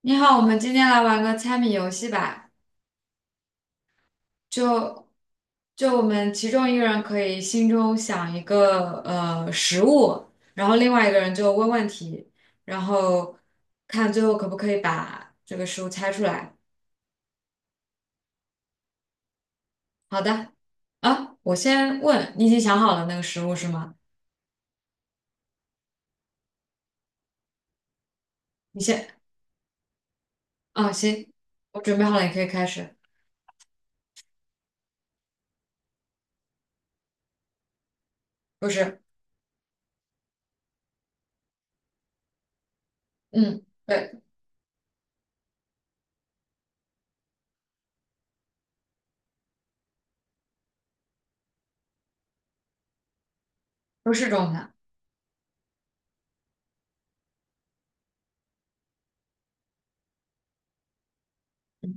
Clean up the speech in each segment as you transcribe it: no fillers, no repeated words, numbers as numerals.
你好，我们今天来玩个猜谜游戏吧。就就我们其中一个人可以心中想一个食物，然后另外一个人就问问题，然后看最后可不可以把这个食物猜出来。好的，啊，我先问，你已经想好了那个食物是吗？你先，啊，行，我准备好了，你可以开始。不是，嗯，对，不是中餐，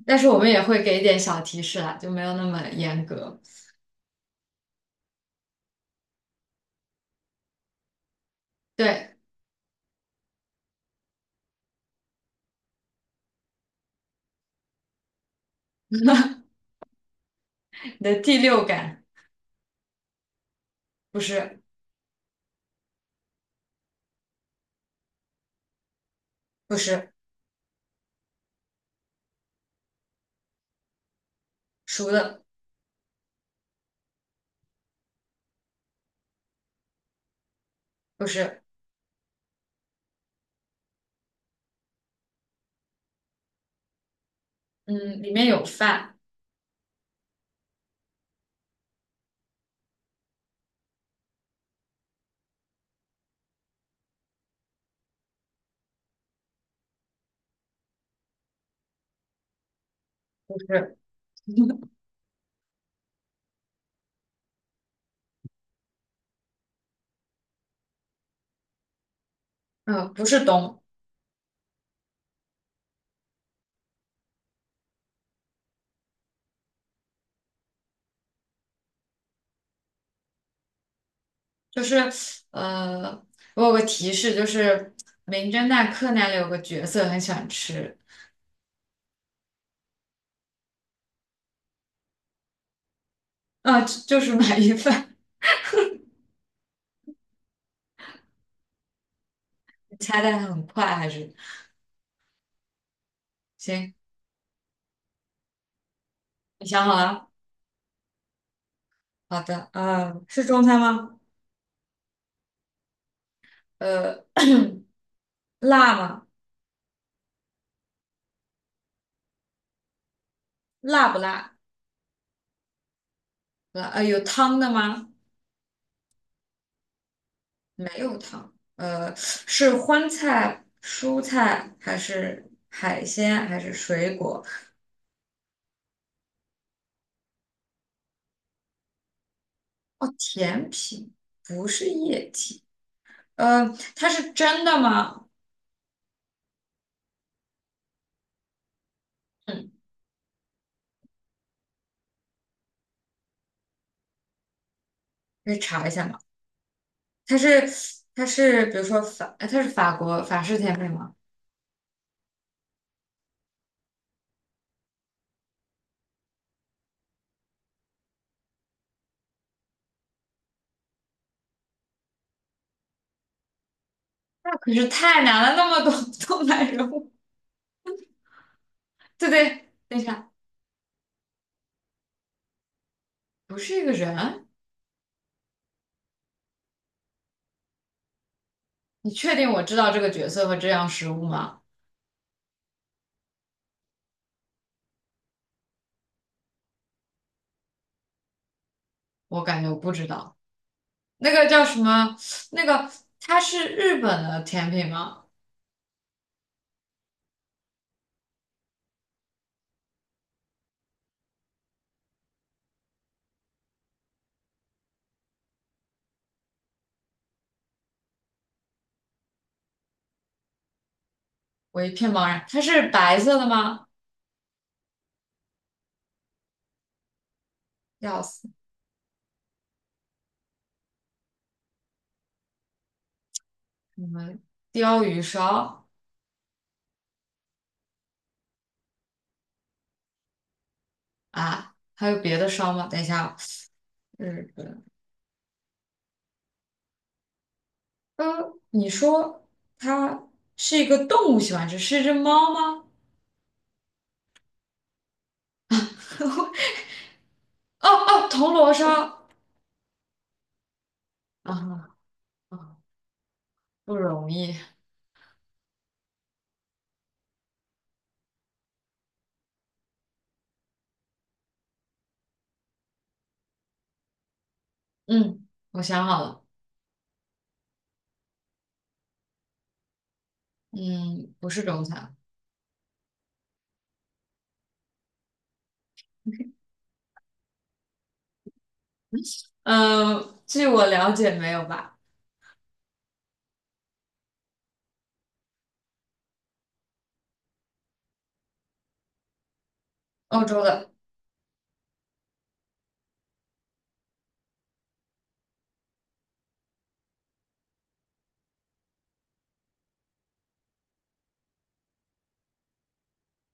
但是我们也会给一点小提示啦，就没有那么严格。对，你的第六感。不是，不是熟的，不是，嗯，里面有饭，不是，嗯，不是冬，就是呃，我有个提示，就是《名侦探柯南》里有个角色很喜欢吃，啊、就是鳗鱼饭，你猜的很快，还是行，你想好了？好的，是中餐吗？呃，辣吗？辣不辣？辣，有汤的吗？没有糖，是荤菜、蔬菜还是海鲜还是水果？哦，甜品不是液体，呃，它是真的吗？嗯，可以查一下吗？它是它是比如说法，它是法国法式甜品吗？那可是太难了，那么多 动漫人物 对对，等一下，不是一个人，你确定我知道这个角色和这样食物吗？我感觉我不知道。那个叫什么？那个它是日本的甜品吗？我一片茫然。它是白色的吗？要死！我们鲷鱼烧啊，还有别的烧吗？等一下啊日本。你说它是一个动物喜欢吃，是一只猫吗？哦哦，铜锣烧啊啊，不容易。嗯，我想好了，嗯，不是中餐。嗯，据我了解，没有吧？欧洲的。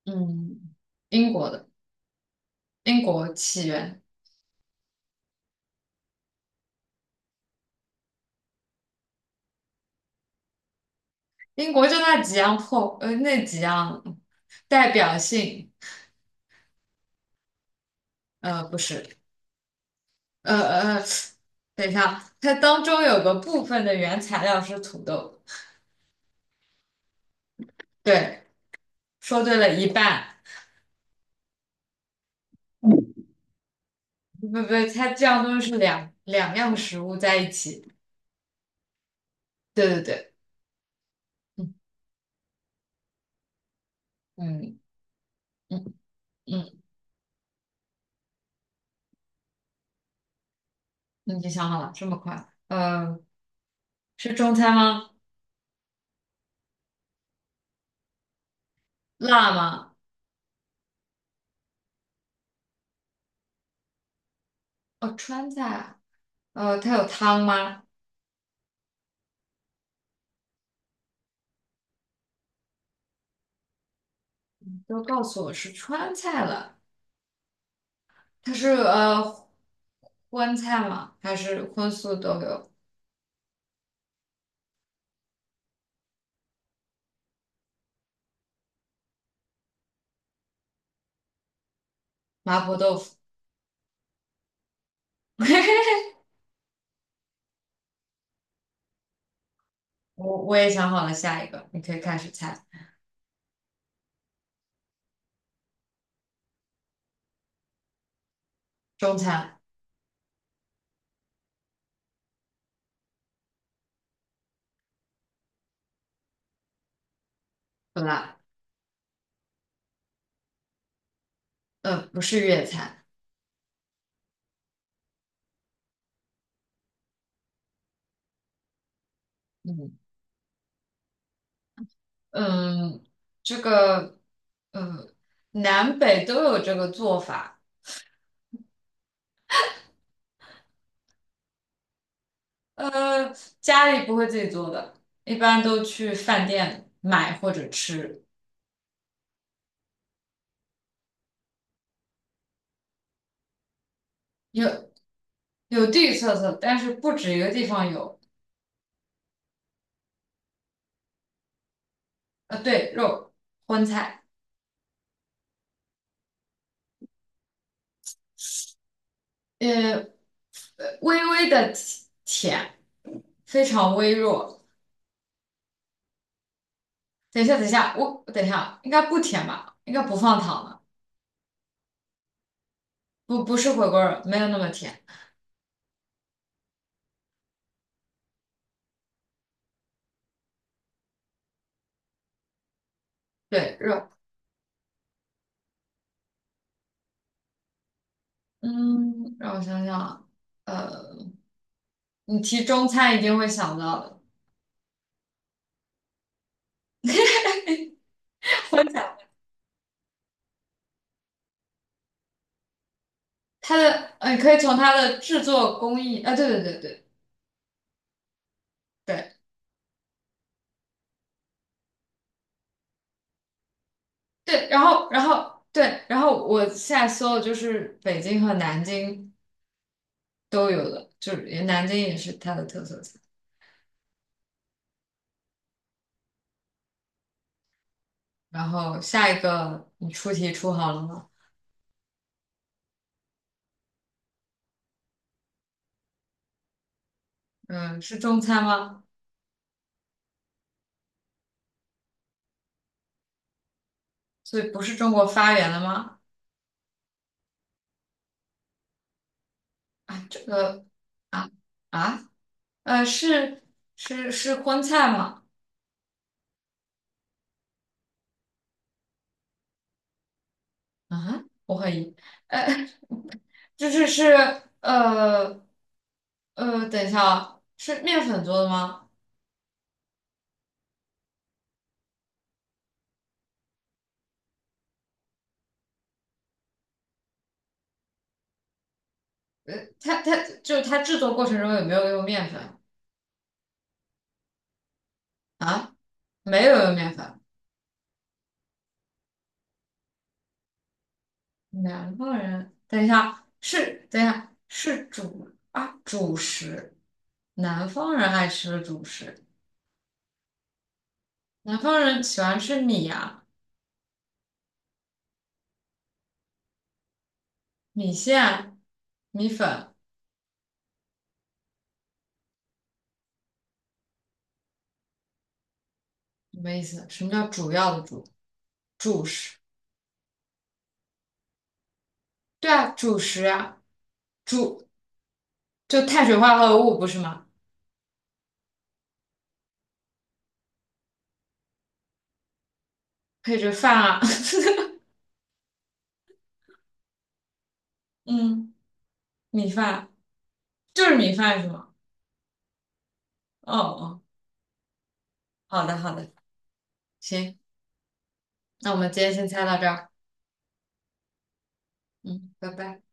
嗯，英国的英国起源，英国就那几样破，那几样代表性，不是，呃呃，等一下，它当中有个部分的原材料是土豆，对，说对了一半，嗯，不不不，它这样东西是两样食物在一起，对对对，嗯嗯嗯嗯，你已经想好了，这么快，是中餐吗？辣吗？哦，川菜啊，它有汤吗？都告诉我是川菜了，它是荤菜吗？还是荤素都有？麻婆豆腐，我也想好了下一个，你可以开始猜。中餐不辣，不是粤菜，嗯嗯，这个呃南北都有这个做法，呃，家里不会自己做的，一般都去饭店买或者吃，有有地域特色，但是不止一个地方有。对，肉，荤菜，呃，呃微微的甜，非常微弱。等一下，等一下，我等一下，应该不甜吧？应该不放糖的，不是回锅肉，没有那么甜。对，肉，嗯，让我想想啊，呃，你提中餐一定会想到的，荤菜，它的，你可以从它的制作工艺，啊、对对对对对对，然后对，然后我现在搜的就是北京和南京。都有的，就是南京也是它的特色菜。然后下一个你出题出好了吗？嗯，是中餐吗？所以不是中国发源的吗？啊，这个啊啊呃是是荤菜吗？啊，我怀疑，呃，就是呃等一下啊，是面粉做的吗？呃，它就是它制作过程中有没有用面粉啊？没有用面粉。南方人，等一下，是，等一下，是主啊，主食。南方人爱吃的主食，南方人喜欢吃米啊、米线、米粉，什么意思？什么叫主要的主？主食，对啊，主食啊，主就碳水化合物不是吗？配着饭啊，嗯，米饭就是米饭是吗？哦哦，好的好的，行，那我们今天先猜到这儿，嗯，拜拜。